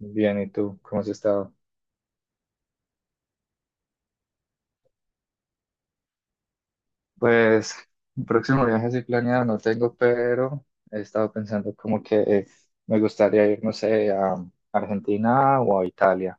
Bien, ¿y tú? ¿Cómo has estado? Pues, el próximo viaje sí planeado no tengo, pero he estado pensando como que me gustaría ir, no sé, a Argentina o a Italia.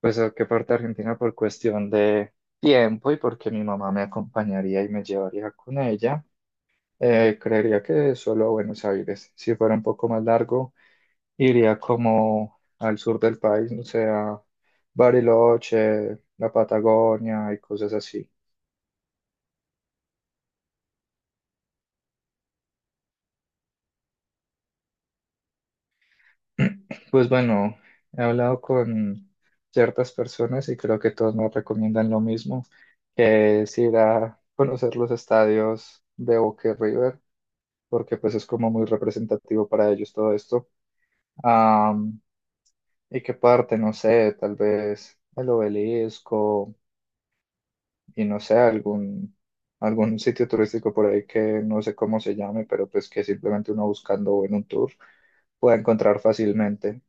Pues, ¿a qué parte de Argentina? Por cuestión de tiempo y porque mi mamá me acompañaría y me llevaría con ella. Creería que solo a Buenos Aires. Si fuera un poco más largo, iría como al sur del país, no sé, a Bariloche, la Patagonia y cosas así. Pues bueno, he hablado con ciertas personas y creo que todos me recomiendan lo mismo, que es ir a conocer los estadios de Boca y River, porque pues es como muy representativo para ellos todo esto. Am, ¿Y qué parte? No sé, tal vez el obelisco y no sé, algún, algún sitio turístico por ahí que no sé cómo se llame, pero pues que simplemente uno buscando en un tour pueda encontrar fácilmente.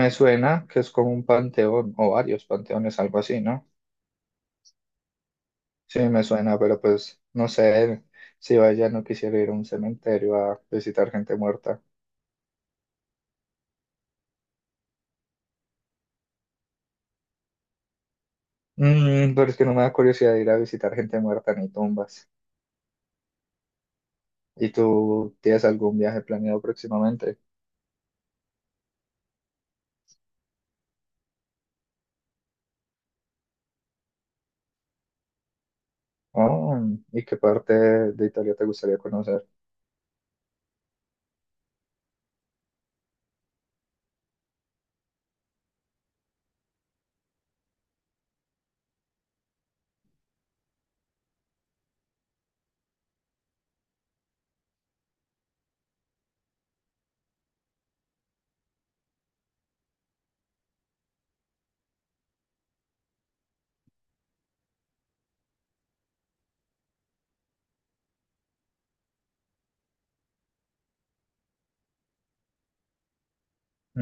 Me suena que es como un panteón o varios panteones, algo así, ¿no? Sí, me suena, pero pues no sé si vaya, no quisiera ir a un cementerio a visitar gente muerta. Mm, pero es que no me da curiosidad ir a visitar gente muerta ni tumbas. ¿Y tú tienes algún viaje planeado próximamente? Oh, ¿y qué parte de Italia te gustaría conocer?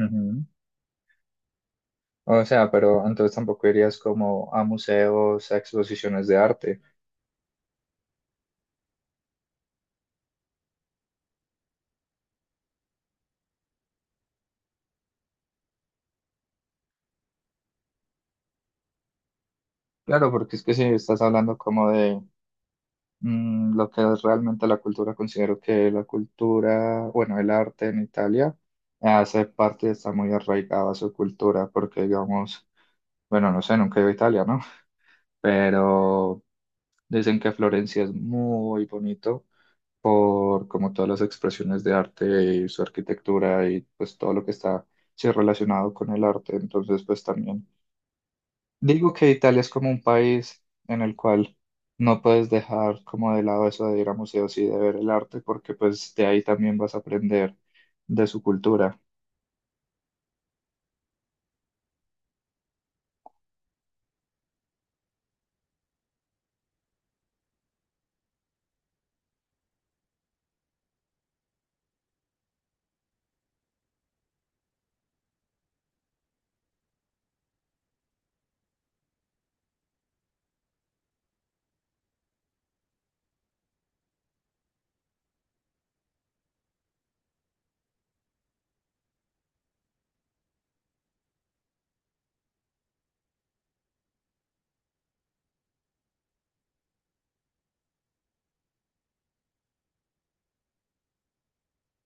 Ujú. O sea, pero entonces tampoco irías como a museos, a exposiciones de arte. Claro, porque es que si estás hablando como de lo que es realmente la cultura. Considero que la cultura, bueno, el arte en Italia hace parte y está muy arraigado a su cultura, porque digamos, bueno, no sé, nunca he ido a Italia, ¿no? Pero dicen que Florencia es muy bonito por como todas las expresiones de arte y su arquitectura y pues todo lo que está sí, relacionado con el arte. Entonces, pues también. Digo que Italia es como un país en el cual no puedes dejar como de lado eso de ir a museos y de ver el arte, porque pues de ahí también vas a aprender de su cultura.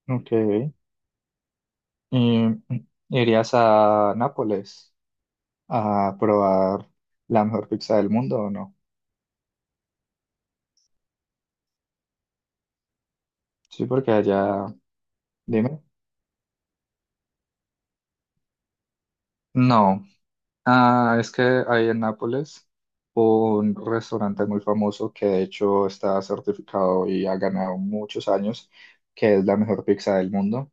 Ok. Y ¿irías a Nápoles a probar la mejor pizza del mundo o no? Sí, porque allá, dime. No. Ah, es que hay en Nápoles un restaurante muy famoso que de hecho está certificado y ha ganado muchos años, que es la mejor pizza del mundo.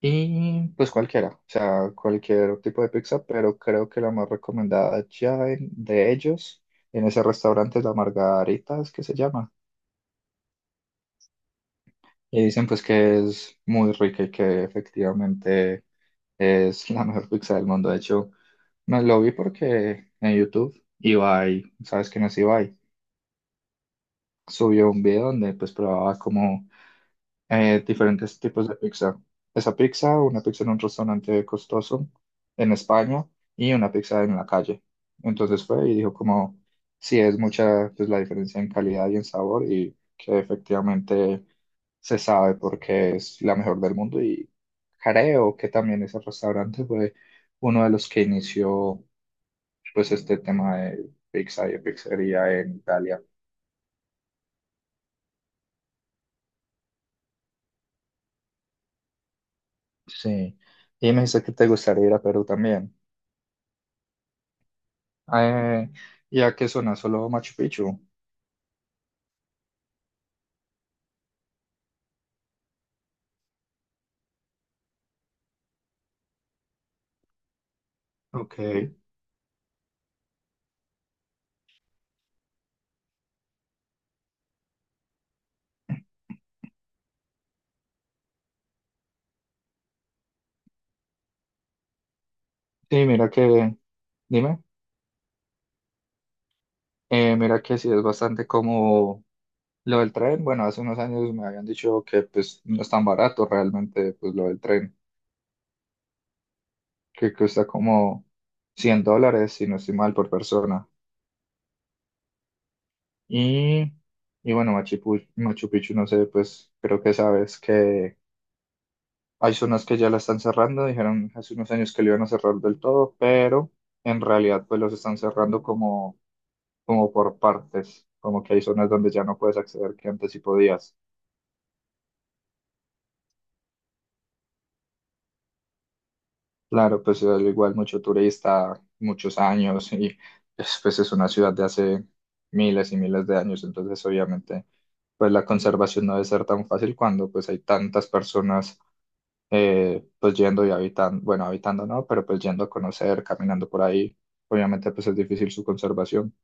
Y pues cualquiera, o sea, cualquier tipo de pizza, pero creo que la más recomendada ya de ellos en ese restaurante es la Margarita, es que se llama. Y dicen pues que es muy rica y que efectivamente es la mejor pizza del mundo. De hecho, me lo vi porque en YouTube Ibai, sabes quién es Ibai, subió un video donde pues probaba como diferentes tipos de pizza. Esa pizza, una pizza en un restaurante costoso en España y una pizza en la calle. Entonces fue y dijo como, sí, es mucha pues, la diferencia en calidad y en sabor y que efectivamente se sabe porque es la mejor del mundo y creo que también ese restaurante fue uno de los que inició pues este tema de pizza y de pizzería en Italia. Sí. Y me dice que te gustaría ir a Perú también. Eh, ¿Y a qué zona? Solo Machu Picchu. Ok. Sí, mira que, dime, mira que sí es bastante como lo del tren. Bueno, hace unos años me habían dicho que pues no es tan barato realmente pues lo del tren, que cuesta como $100, si no estoy mal, por persona. Y, y bueno, Machu Picchu, no sé, pues creo que sabes que hay zonas que ya la están cerrando, dijeron hace unos años que lo iban a cerrar del todo, pero en realidad pues los están cerrando como... como por partes, como que hay zonas donde ya no puedes acceder que antes sí podías. Claro, pues al igual mucho turista, muchos años y pues, pues, es una ciudad de hace miles y miles de años, entonces obviamente pues la conservación no debe ser tan fácil cuando pues hay tantas personas pues yendo y habitando, bueno, habitando no, pero pues yendo a conocer, caminando por ahí, obviamente pues es difícil su conservación.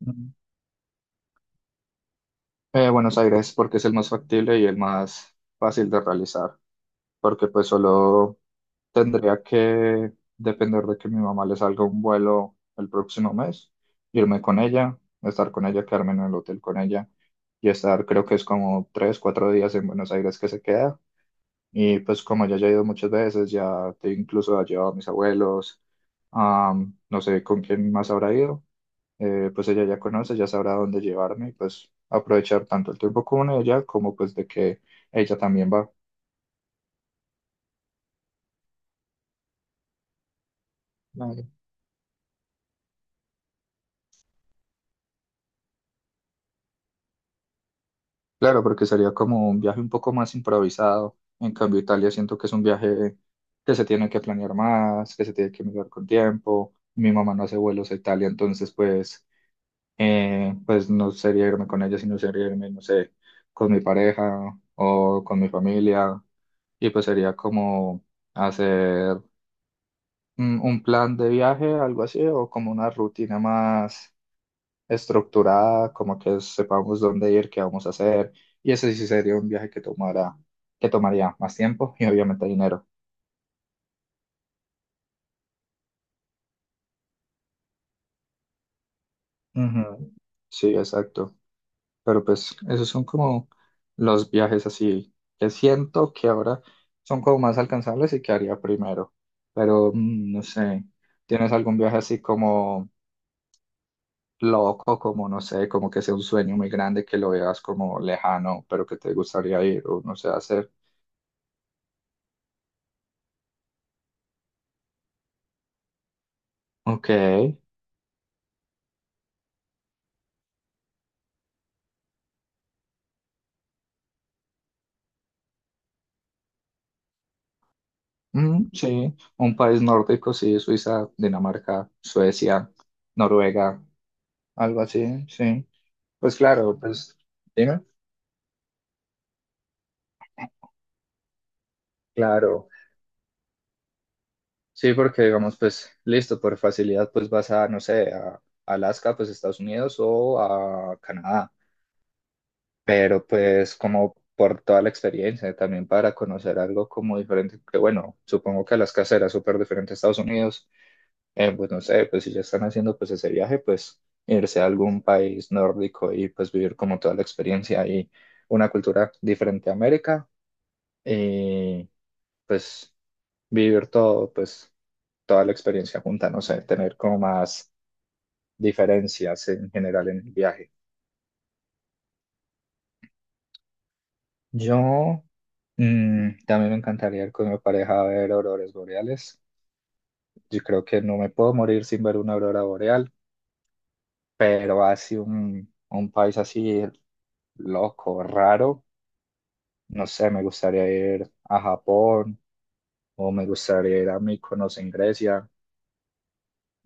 Ujú. Buenos Aires porque es el más factible y el más fácil de realizar. Porque pues solo tendría que depender de que mi mamá le salga un vuelo el próximo mes, irme con ella, estar con ella, quedarme en el hotel con ella y estar creo que es como tres, cuatro días en Buenos Aires que se queda. Y pues como ya he ido muchas veces, ya te incluso ha llevado a mis abuelos, no sé con quién más habrá ido, pues ella ya conoce, ya sabrá dónde llevarme y pues aprovechar tanto el tiempo con ella como pues de que ella también va. Claro, porque sería como un viaje un poco más improvisado. En cambio, Italia siento que es un viaje que se tiene que planear más, que se tiene que mirar con tiempo. Mi mamá no hace vuelos a Italia, entonces pues, pues no sería irme con ella, sino sería irme, no sé, con mi pareja o con mi familia. Y pues sería como hacer un plan de viaje, algo así, o como una rutina más estructurada, como que sepamos dónde ir, qué vamos a hacer. Y ese sí sería un viaje que tomaría más tiempo y obviamente dinero. Ujú. Sí, exacto. Pero pues esos son como los viajes así que siento que ahora son como más alcanzables y que haría primero. Pero mm, no sé, ¿tienes algún viaje así como loco, como no sé, como que sea un sueño muy grande que lo veas como lejano, pero que te gustaría ir o no sé hacer? Ok. Mm, sí, un país nórdico, sí, Suiza, Dinamarca, Suecia, Noruega, algo así, sí. Pues claro, pues dime, claro, sí, porque digamos, pues listo, por facilidad, pues vas a, no sé, a Alaska, pues Estados Unidos o a Canadá, pero pues como por toda la experiencia, también para conocer algo como diferente, que bueno, supongo que Alaska será súper diferente a Estados Unidos. Pues no sé, pues si ya están haciendo pues ese viaje, pues irse a algún país nórdico y pues vivir como toda la experiencia y una cultura diferente a América y pues vivir todo, pues toda la experiencia junta, no sé, tener como más diferencias en general en el viaje. Yo mm, también me encantaría ir con mi pareja a ver auroras boreales. Yo creo que no me puedo morir sin ver una aurora boreal, pero así un país así loco, raro. No sé, me gustaría ir a Japón o me gustaría ir a Mykonos en Grecia.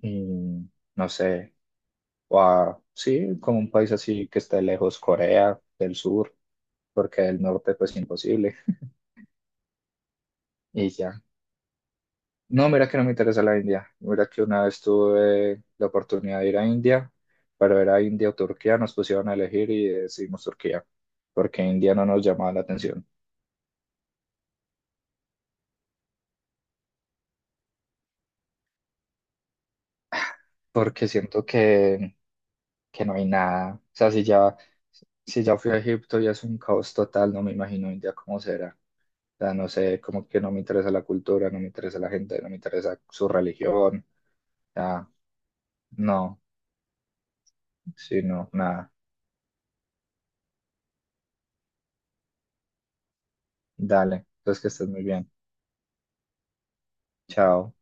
Mm, no sé, o a, sí, como un país así que esté lejos, Corea del Sur, porque del norte pues imposible. Y ya. No, mira que no me interesa la India. Mira que una vez tuve la oportunidad de ir a India, pero era India o Turquía, nos pusieron a elegir y decidimos Turquía, porque India no nos llamaba la atención. Porque siento que no hay nada. O sea, si ya fui a Egipto y es un caos total, no me imagino India cómo será. O sea, no sé, como que no me interesa la cultura, no me interesa la gente, no me interesa su religión. Ya, no, sí, no, nada. Dale, entonces que estés muy bien. Chao.